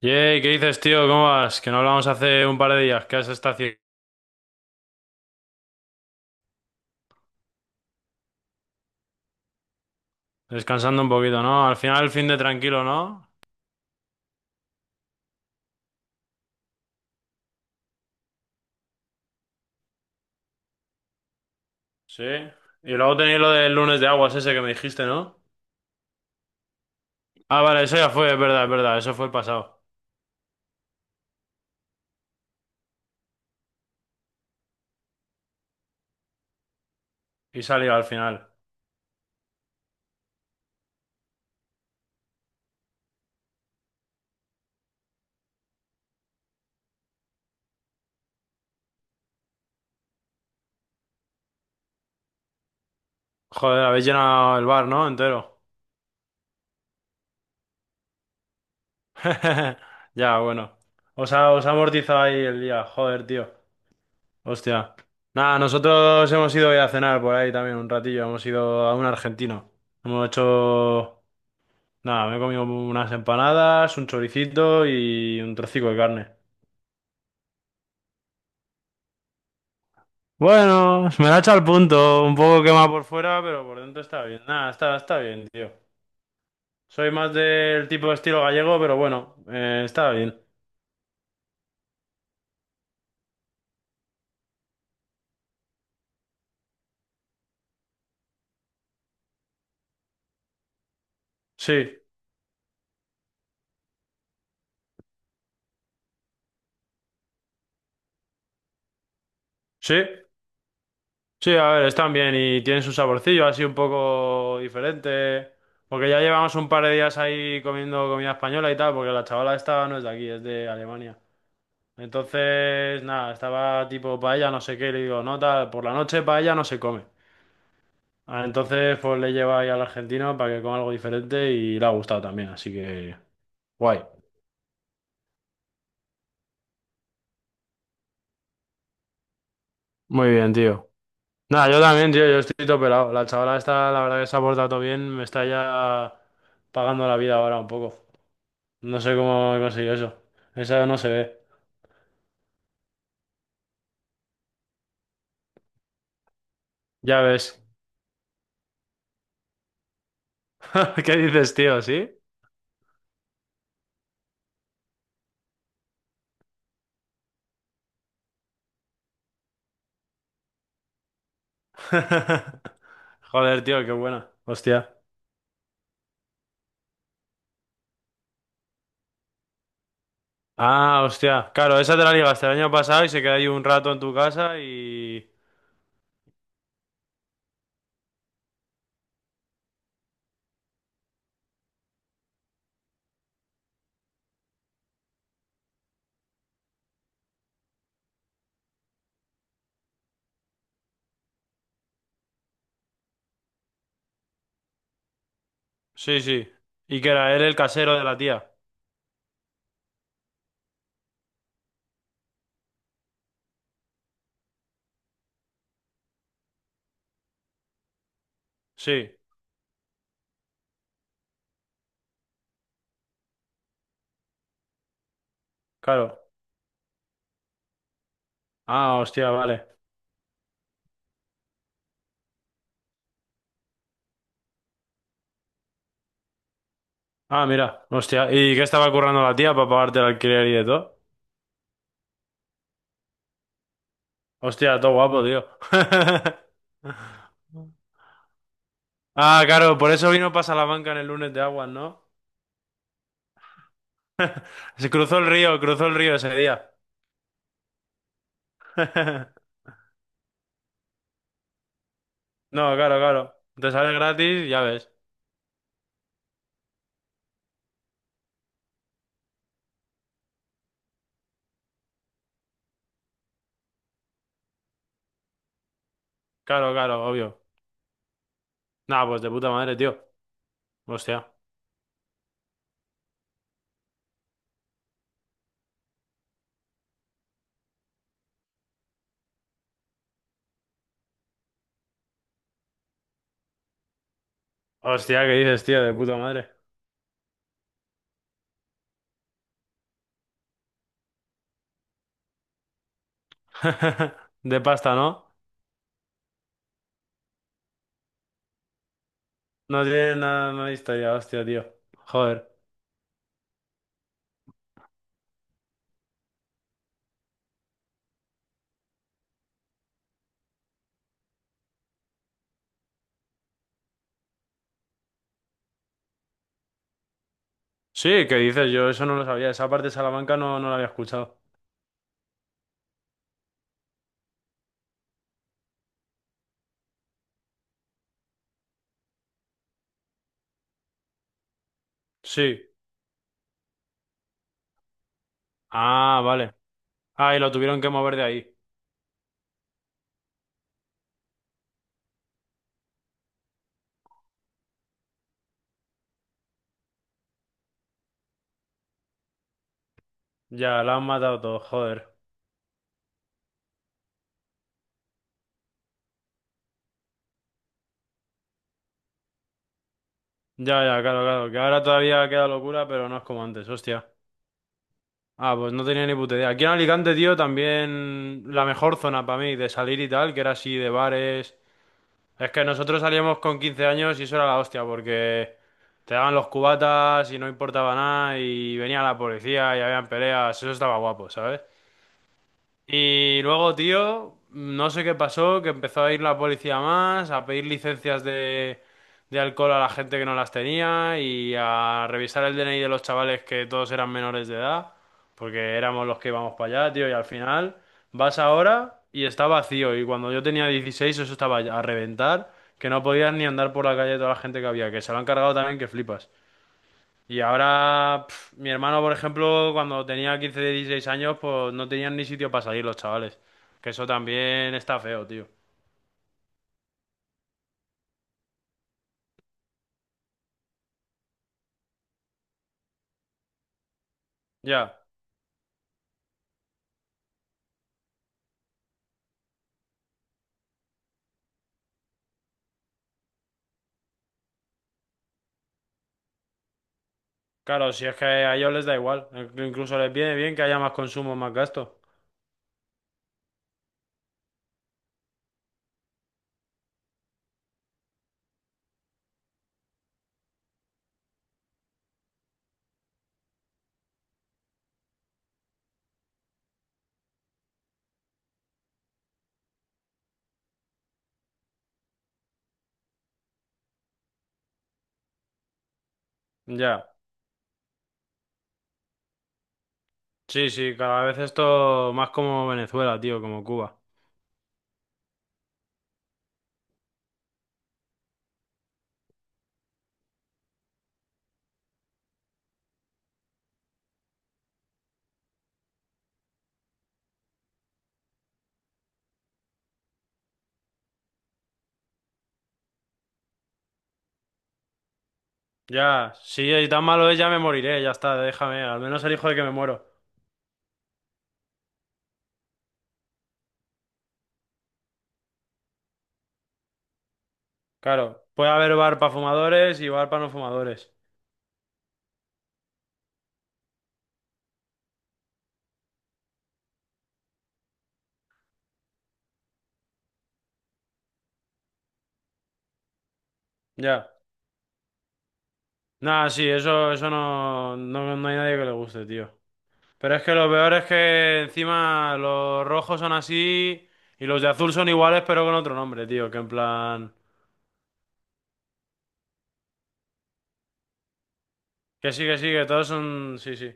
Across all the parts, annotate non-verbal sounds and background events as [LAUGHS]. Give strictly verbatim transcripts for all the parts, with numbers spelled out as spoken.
Yey, ¿qué dices, tío? ¿Cómo vas? Que no hablamos hace un par de días. ¿Qué has estado haciendo? Descansando un poquito, ¿no? Al final el fin de tranquilo, ¿no? Sí. Y luego tenéis lo del lunes de aguas ese que me dijiste, ¿no? Ah, vale, eso ya fue, es verdad, es verdad. Eso fue el pasado. Y salió al final. Joder, habéis llenado el bar, ¿no? Entero. [LAUGHS] Ya, bueno. Os ha, os ha amortizado ahí el día. Joder, tío. Hostia. Nada, nosotros hemos ido hoy a cenar por ahí también un ratillo. Hemos ido a un argentino. Hemos hecho... Nada, me he comido unas empanadas, un choricito y un trocico de carne. Bueno, me la ha echado al punto, un poco quemada por fuera, pero por dentro está bien. Nada, está, está bien, tío. Soy más del tipo de estilo gallego, pero bueno, eh, está bien. Sí, sí, sí, a ver, están bien y tienen su saborcillo así un poco diferente. Porque ya llevamos un par de días ahí comiendo comida española y tal, porque la chavala esta no es de aquí, es de Alemania. Entonces, nada, estaba tipo paella, no sé qué, y le digo, no, tal, por la noche paella no se come. Ah, entonces, pues le lleva ahí al argentino para que coma algo diferente y le ha gustado también, así que guay. Muy bien, tío. Nada, yo también, tío, yo estoy todo pelado. La chavala está, la verdad que se ha portado todo bien, me está ya pagando la vida ahora un poco. No sé cómo he conseguido eso. Esa no se ve. Ya ves. [LAUGHS] ¿Qué dices, tío? ¿Sí? [LAUGHS] Joder, tío, qué buena. Hostia. Ah, hostia. Claro, esa te la ligaste el año pasado y se queda ahí un rato en tu casa y... Sí, sí. Y que era él el casero de la tía. Sí, claro. Ah, hostia, vale. Ah, mira, hostia. ¿Y qué estaba currando la tía para pagarte el alquiler y de todo? Hostia, todo guapo, tío. [LAUGHS] Ah, claro, por eso vino para Salamanca en el lunes de aguas, ¿no? [LAUGHS] Se cruzó el río, cruzó el río ese día. [LAUGHS] No, claro, claro. Te sale gratis, ya ves. Claro, claro, obvio. Nah, pues de puta madre, tío. Hostia. Hostia, ¿qué dices, tío? De puta madre. [LAUGHS] De pasta, ¿no? No tiene nada, no hay historia, hostia, tío. Joder. Sí, ¿qué dices? Yo eso no lo sabía. Esa parte de Salamanca no, no la había escuchado. Sí. Ah, vale. Ah, y lo tuvieron que mover de ahí. Ya, la han matado todo, joder. Ya, ya, claro, claro. Que ahora todavía queda locura, pero no es como antes, hostia. Ah, pues no tenía ni puta idea. Aquí en Alicante, tío, también la mejor zona para mí de salir y tal, que era así de bares. Es que nosotros salíamos con quince años y eso era la hostia, porque te daban los cubatas y no importaba nada y venía la policía y habían peleas, eso estaba guapo, ¿sabes? Y luego, tío, no sé qué pasó, que empezó a ir la policía más, a pedir licencias de, de alcohol a la gente que no las tenía y a revisar el D N I de los chavales que todos eran menores de edad, porque éramos los que íbamos para allá, tío, y al final vas ahora y está vacío. Y cuando yo tenía dieciséis eso estaba a reventar, que no podías ni andar por la calle toda la gente que había, que se lo han cargado también, que flipas. Y ahora, pf, mi hermano, por ejemplo, cuando tenía quince dieciséis años, pues no tenían ni sitio para salir los chavales. Que eso también está feo, tío. Ya, claro, si es que a ellos les da igual. Incluso les viene bien que haya más consumo, más gasto. Ya, sí, sí, cada vez esto más como Venezuela, tío, como Cuba. Ya, si es tan malo es, ya me moriré, ya está, déjame, al menos elijo de que me muero. Claro, puede haber bar para fumadores y bar para no fumadores. Ya. Nada, sí, eso, eso no, no, no hay nadie que le guste, tío. Pero es que lo peor es que encima los rojos son así y los de azul son iguales pero con otro nombre, tío. Que en plan... Que sí, que sí, que todos son... Sí, sí.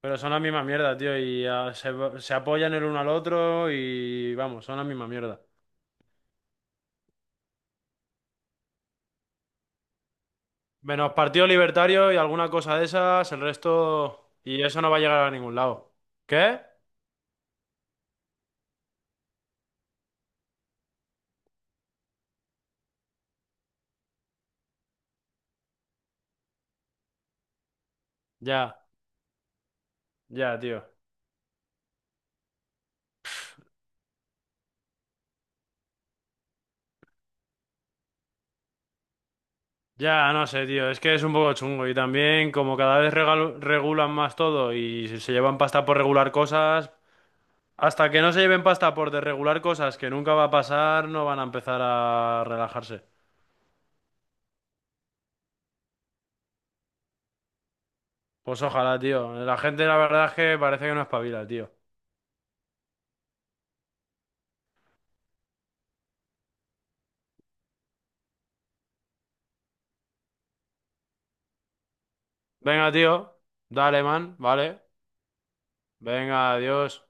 Pero son la misma mierda, tío. Y ah, se, se apoyan el uno al otro y vamos, son la misma mierda. Menos Partido Libertario y alguna cosa de esas, el resto... Y eso no va a llegar a ningún lado. ¿Qué? Ya, ya, tío. Ya, no sé, tío, es que es un poco chungo y también como cada vez regal- regulan más todo y se se llevan pasta por regular cosas, hasta que no se lleven pasta por desregular cosas que nunca va a pasar, no van a empezar a relajarse. Pues ojalá, tío. La gente, la verdad es que parece que no espabila, tío. Venga, tío. Dale, man. Vale. Venga, adiós.